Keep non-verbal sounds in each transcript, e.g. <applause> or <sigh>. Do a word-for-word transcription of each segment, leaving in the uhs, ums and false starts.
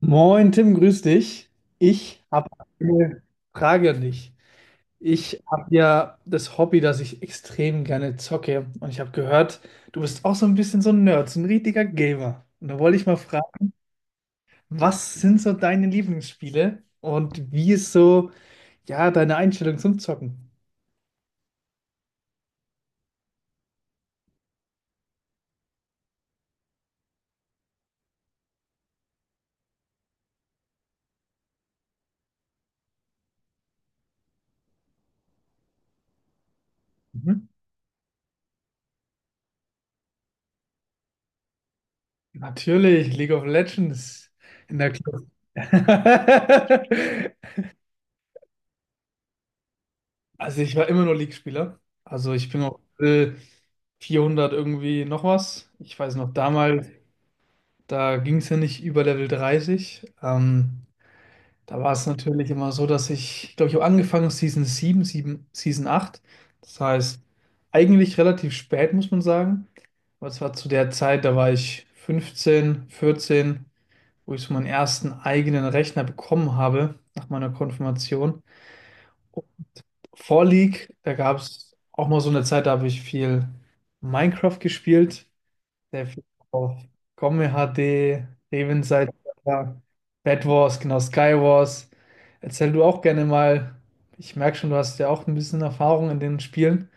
Moin Tim, grüß dich. Ich habe eine Frage an dich. Ich habe ja das Hobby, dass ich extrem gerne zocke. Und ich habe gehört, du bist auch so ein bisschen so ein Nerd, so ein richtiger Gamer. Und da wollte ich mal fragen, was sind so deine Lieblingsspiele und wie ist so, ja, deine Einstellung zum Zocken? Mhm. Natürlich, League of Legends in der Club. <laughs> Also ich war immer nur League-Spieler. Also ich bin auf Level vierhundert irgendwie noch was. Ich weiß noch, damals, da ging es ja nicht über Level dreißig. Ähm, da war es natürlich immer so, dass ich, ich glaube, ich habe angefangen Season sieben, sieben, Season acht. Das heißt, eigentlich relativ spät, muss man sagen. Aber es war zu der Zeit, da war ich fünfzehn, vierzehn, wo ich so meinen ersten eigenen Rechner bekommen habe nach meiner Konfirmation. Vor League, da gab es auch mal so eine Zeit, da habe ich viel Minecraft gespielt, sehr viel auf Gomme H D, Revenseite, Bed Wars, genau, Sky Wars. Erzähl du auch gerne mal. Ich merke schon, du hast ja auch ein bisschen Erfahrung in den Spielen.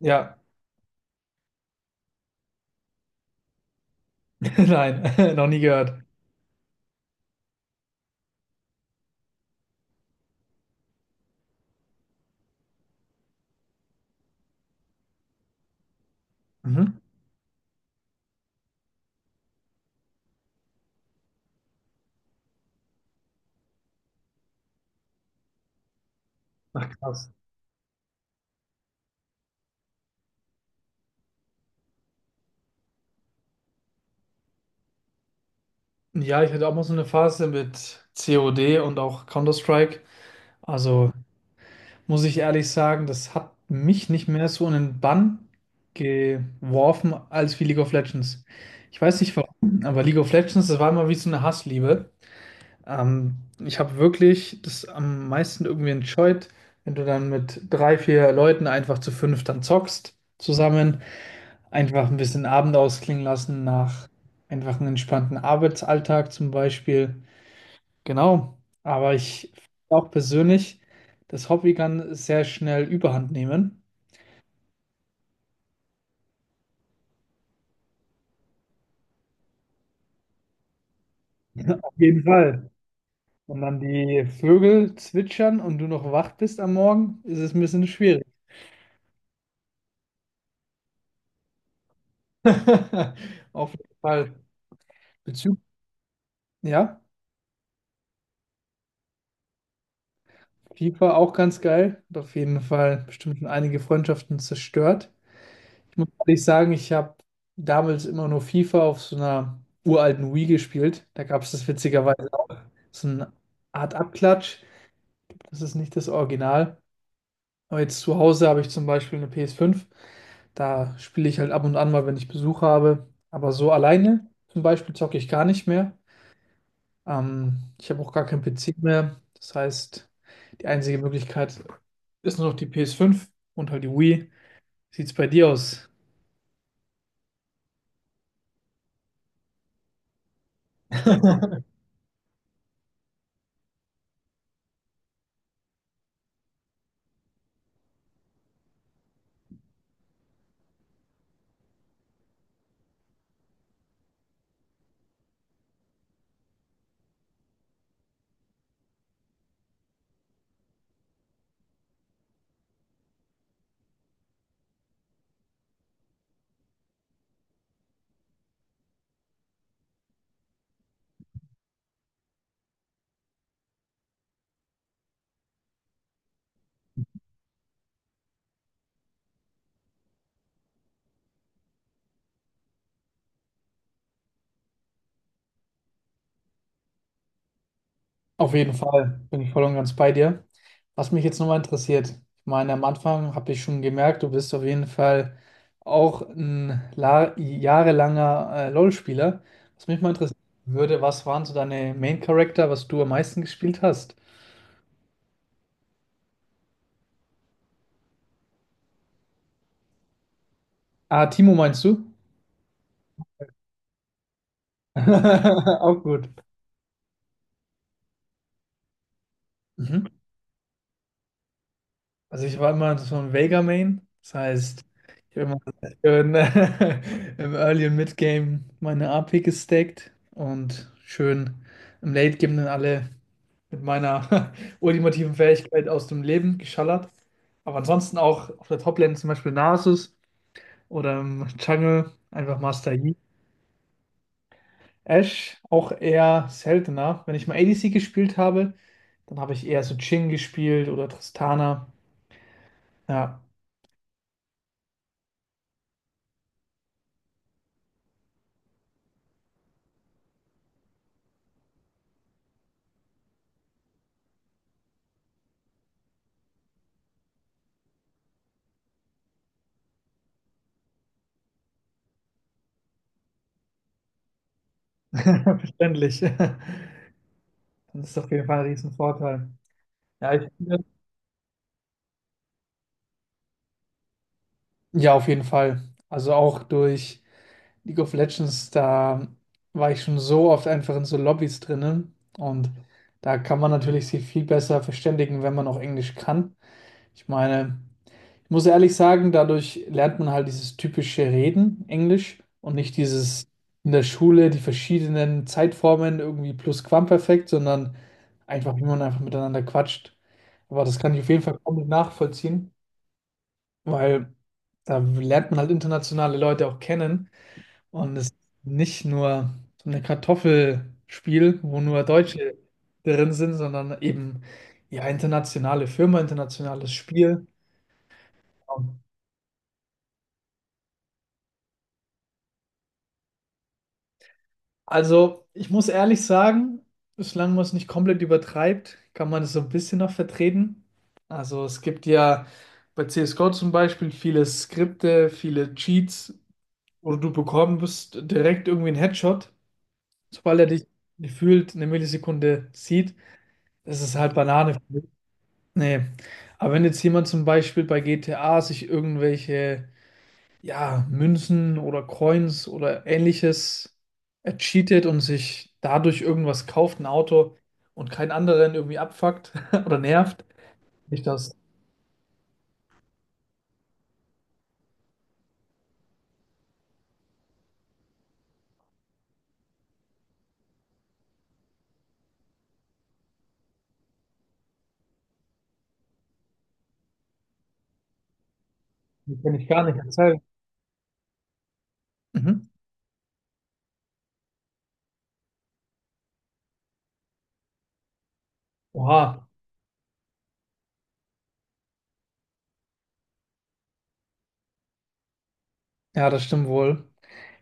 Ja, <laughs> nein, <laughs> noch nie gehört. Mhm. Ach, krass. Ja, ich hatte auch mal so eine Phase mit C O D und auch Counter-Strike. Also muss ich ehrlich sagen, das hat mich nicht mehr so in den Bann geworfen als wie League of Legends. Ich weiß nicht warum, aber League of Legends, das war immer wie so eine Hassliebe. Ähm, Ich habe wirklich das am meisten irgendwie enjoyed, wenn du dann mit drei, vier Leuten einfach zu fünf dann zockst zusammen, einfach ein bisschen Abend ausklingen lassen nach einfach einem entspannten Arbeitsalltag zum Beispiel. Genau, aber ich finde auch persönlich, das Hobby kann sehr schnell Überhand nehmen. <laughs> Auf jeden Fall. Und dann die Vögel zwitschern und du noch wach bist am Morgen, ist es ein bisschen schwierig. <laughs> Auf jeden Fall. Bezug, ja, FIFA auch ganz geil. Hat auf jeden Fall bestimmt schon einige Freundschaften zerstört. Ich muss ehrlich sagen, ich habe damals immer nur FIFA auf so einer uralten Wii gespielt. Da gab es das witzigerweise auch so eine Art Abklatsch. Das ist nicht das Original. Aber jetzt zu Hause habe ich zum Beispiel eine P S fünf. Da spiele ich halt ab und an mal, wenn ich Besuch habe. Aber so alleine zum Beispiel zocke ich gar nicht mehr. Ähm, ich habe auch gar keinen P C mehr. Das heißt, die einzige Möglichkeit ist nur noch die P S fünf und halt die Wii. Sieht's bei dir aus? <laughs> Auf jeden Fall bin ich voll und ganz bei dir. Was mich jetzt nochmal interessiert, ich meine, am Anfang habe ich schon gemerkt, du bist auf jeden Fall auch ein la- jahrelanger äh, LoL-Spieler. Was mich mal interessieren würde, was waren so deine Main-Charakter, was du am meisten gespielt hast? Ah, Timo meinst du? <laughs> Auch gut. Mhm. Also ich war immer so ein Vega Main, das heißt, ich habe immer schön <laughs> im Early- und Mid-Game meine A P gestackt und schön im Late-Game dann alle mit meiner <laughs> ultimativen Fähigkeit aus dem Leben geschallert. Aber ansonsten auch auf der Top-Lane zum Beispiel Nasus oder im Jungle einfach Master Yi. Ashe auch eher seltener. Wenn ich mal A D C gespielt habe, dann habe ich eher so Jhin gespielt oder Tristana. Ja, <laughs> verständlich. Das ist auf jeden Fall ein Riesenvorteil. Ja, ich finde, ja, auf jeden Fall. Also auch durch League of Legends, da war ich schon so oft einfach in so Lobbys drinnen. Und da kann man natürlich sich viel besser verständigen, wenn man auch Englisch kann. Ich meine, ich muss ehrlich sagen, dadurch lernt man halt dieses typische Reden Englisch und nicht dieses in der Schule die verschiedenen Zeitformen irgendwie Plusquamperfekt, sondern einfach, wie man einfach miteinander quatscht. Aber das kann ich auf jeden Fall komplett nachvollziehen, weil da lernt man halt internationale Leute auch kennen und es ist nicht nur so ein Kartoffelspiel, wo nur Deutsche drin sind, sondern eben ja internationale Firma, internationales Spiel. Also ich muss ehrlich sagen, solange man es nicht komplett übertreibt, kann man es so ein bisschen noch vertreten. Also es gibt ja bei C S G O zum Beispiel viele Skripte, viele Cheats, wo du bekommst direkt irgendwie einen Headshot. Sobald er dich gefühlt eine Millisekunde sieht, das ist halt Banane. Nee. Aber wenn jetzt jemand zum Beispiel bei G T A sich irgendwelche, ja, Münzen oder Coins oder ähnliches ercheatet und sich dadurch irgendwas kauft, ein Auto und keinen anderen irgendwie abfuckt <laughs> oder nervt, ich das, das kann ich gar nicht erzählen. Mhm. Oha. Ja, das stimmt wohl.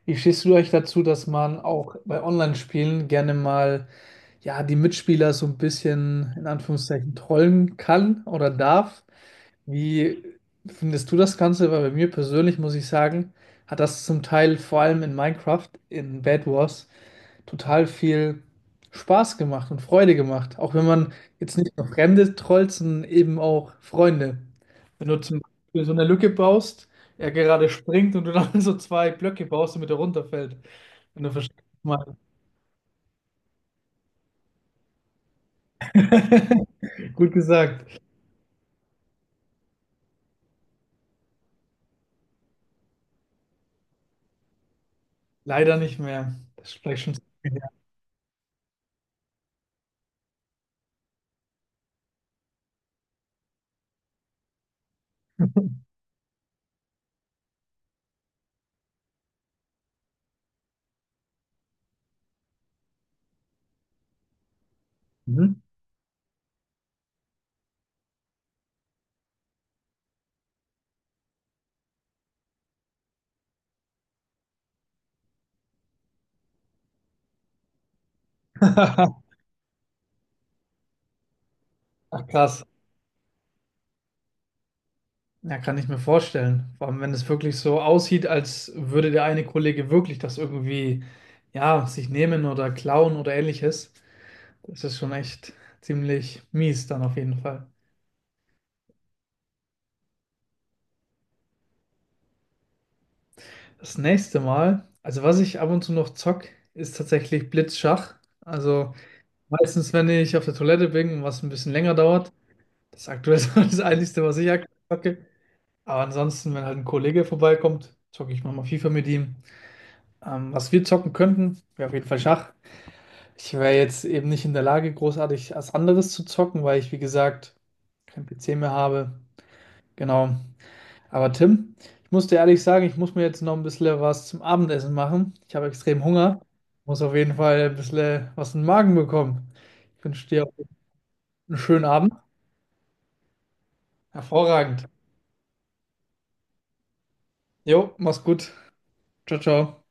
Wie stehst du euch dazu, dass man auch bei Online-Spielen gerne mal ja, die Mitspieler so ein bisschen in Anführungszeichen trollen kann oder darf? Wie findest du das Ganze? Weil bei mir persönlich muss ich sagen, hat das zum Teil vor allem in Minecraft, in Bed Wars, total viel Spaß gemacht und Freude gemacht. Auch wenn man jetzt nicht nur Fremde trollt, sondern eben auch Freunde. Wenn du zum Beispiel so eine Lücke baust, er gerade springt und du dann <laughs> so zwei Blöcke baust, damit er runterfällt. Wenn du verstehst, was ich meine. <laughs> Gut gesagt. Leider nicht mehr. Das ist vielleicht schon zu lange her. Mhm. <laughs> Ach, krass. Ja, kann ich mir vorstellen. Vor allem, wenn es wirklich so aussieht, als würde der eine Kollege wirklich das irgendwie, ja, sich nehmen oder klauen oder ähnliches. Das ist schon echt ziemlich mies dann auf jeden Fall. Das nächste Mal, also was ich ab und zu noch zock, ist tatsächlich Blitzschach. Also meistens, wenn ich auf der Toilette bin und was ein bisschen länger dauert, das ist aktuell <laughs> so das Einzige, was ich aktuell zocke. Aber ansonsten, wenn halt ein Kollege vorbeikommt, zocke ich manchmal FIFA mit ihm. Ähm, was wir zocken könnten, wäre auf jeden Fall Schach. Ich wäre jetzt eben nicht in der Lage, großartig was anderes zu zocken, weil ich, wie gesagt, kein P C mehr habe. Genau. Aber Tim, ich muss dir ehrlich sagen, ich muss mir jetzt noch ein bisschen was zum Abendessen machen. Ich habe extrem Hunger. Muss auf jeden Fall ein bisschen was in den Magen bekommen. Ich wünsche dir einen schönen Abend. Hervorragend. Jo, mach's gut. Ciao, ciao.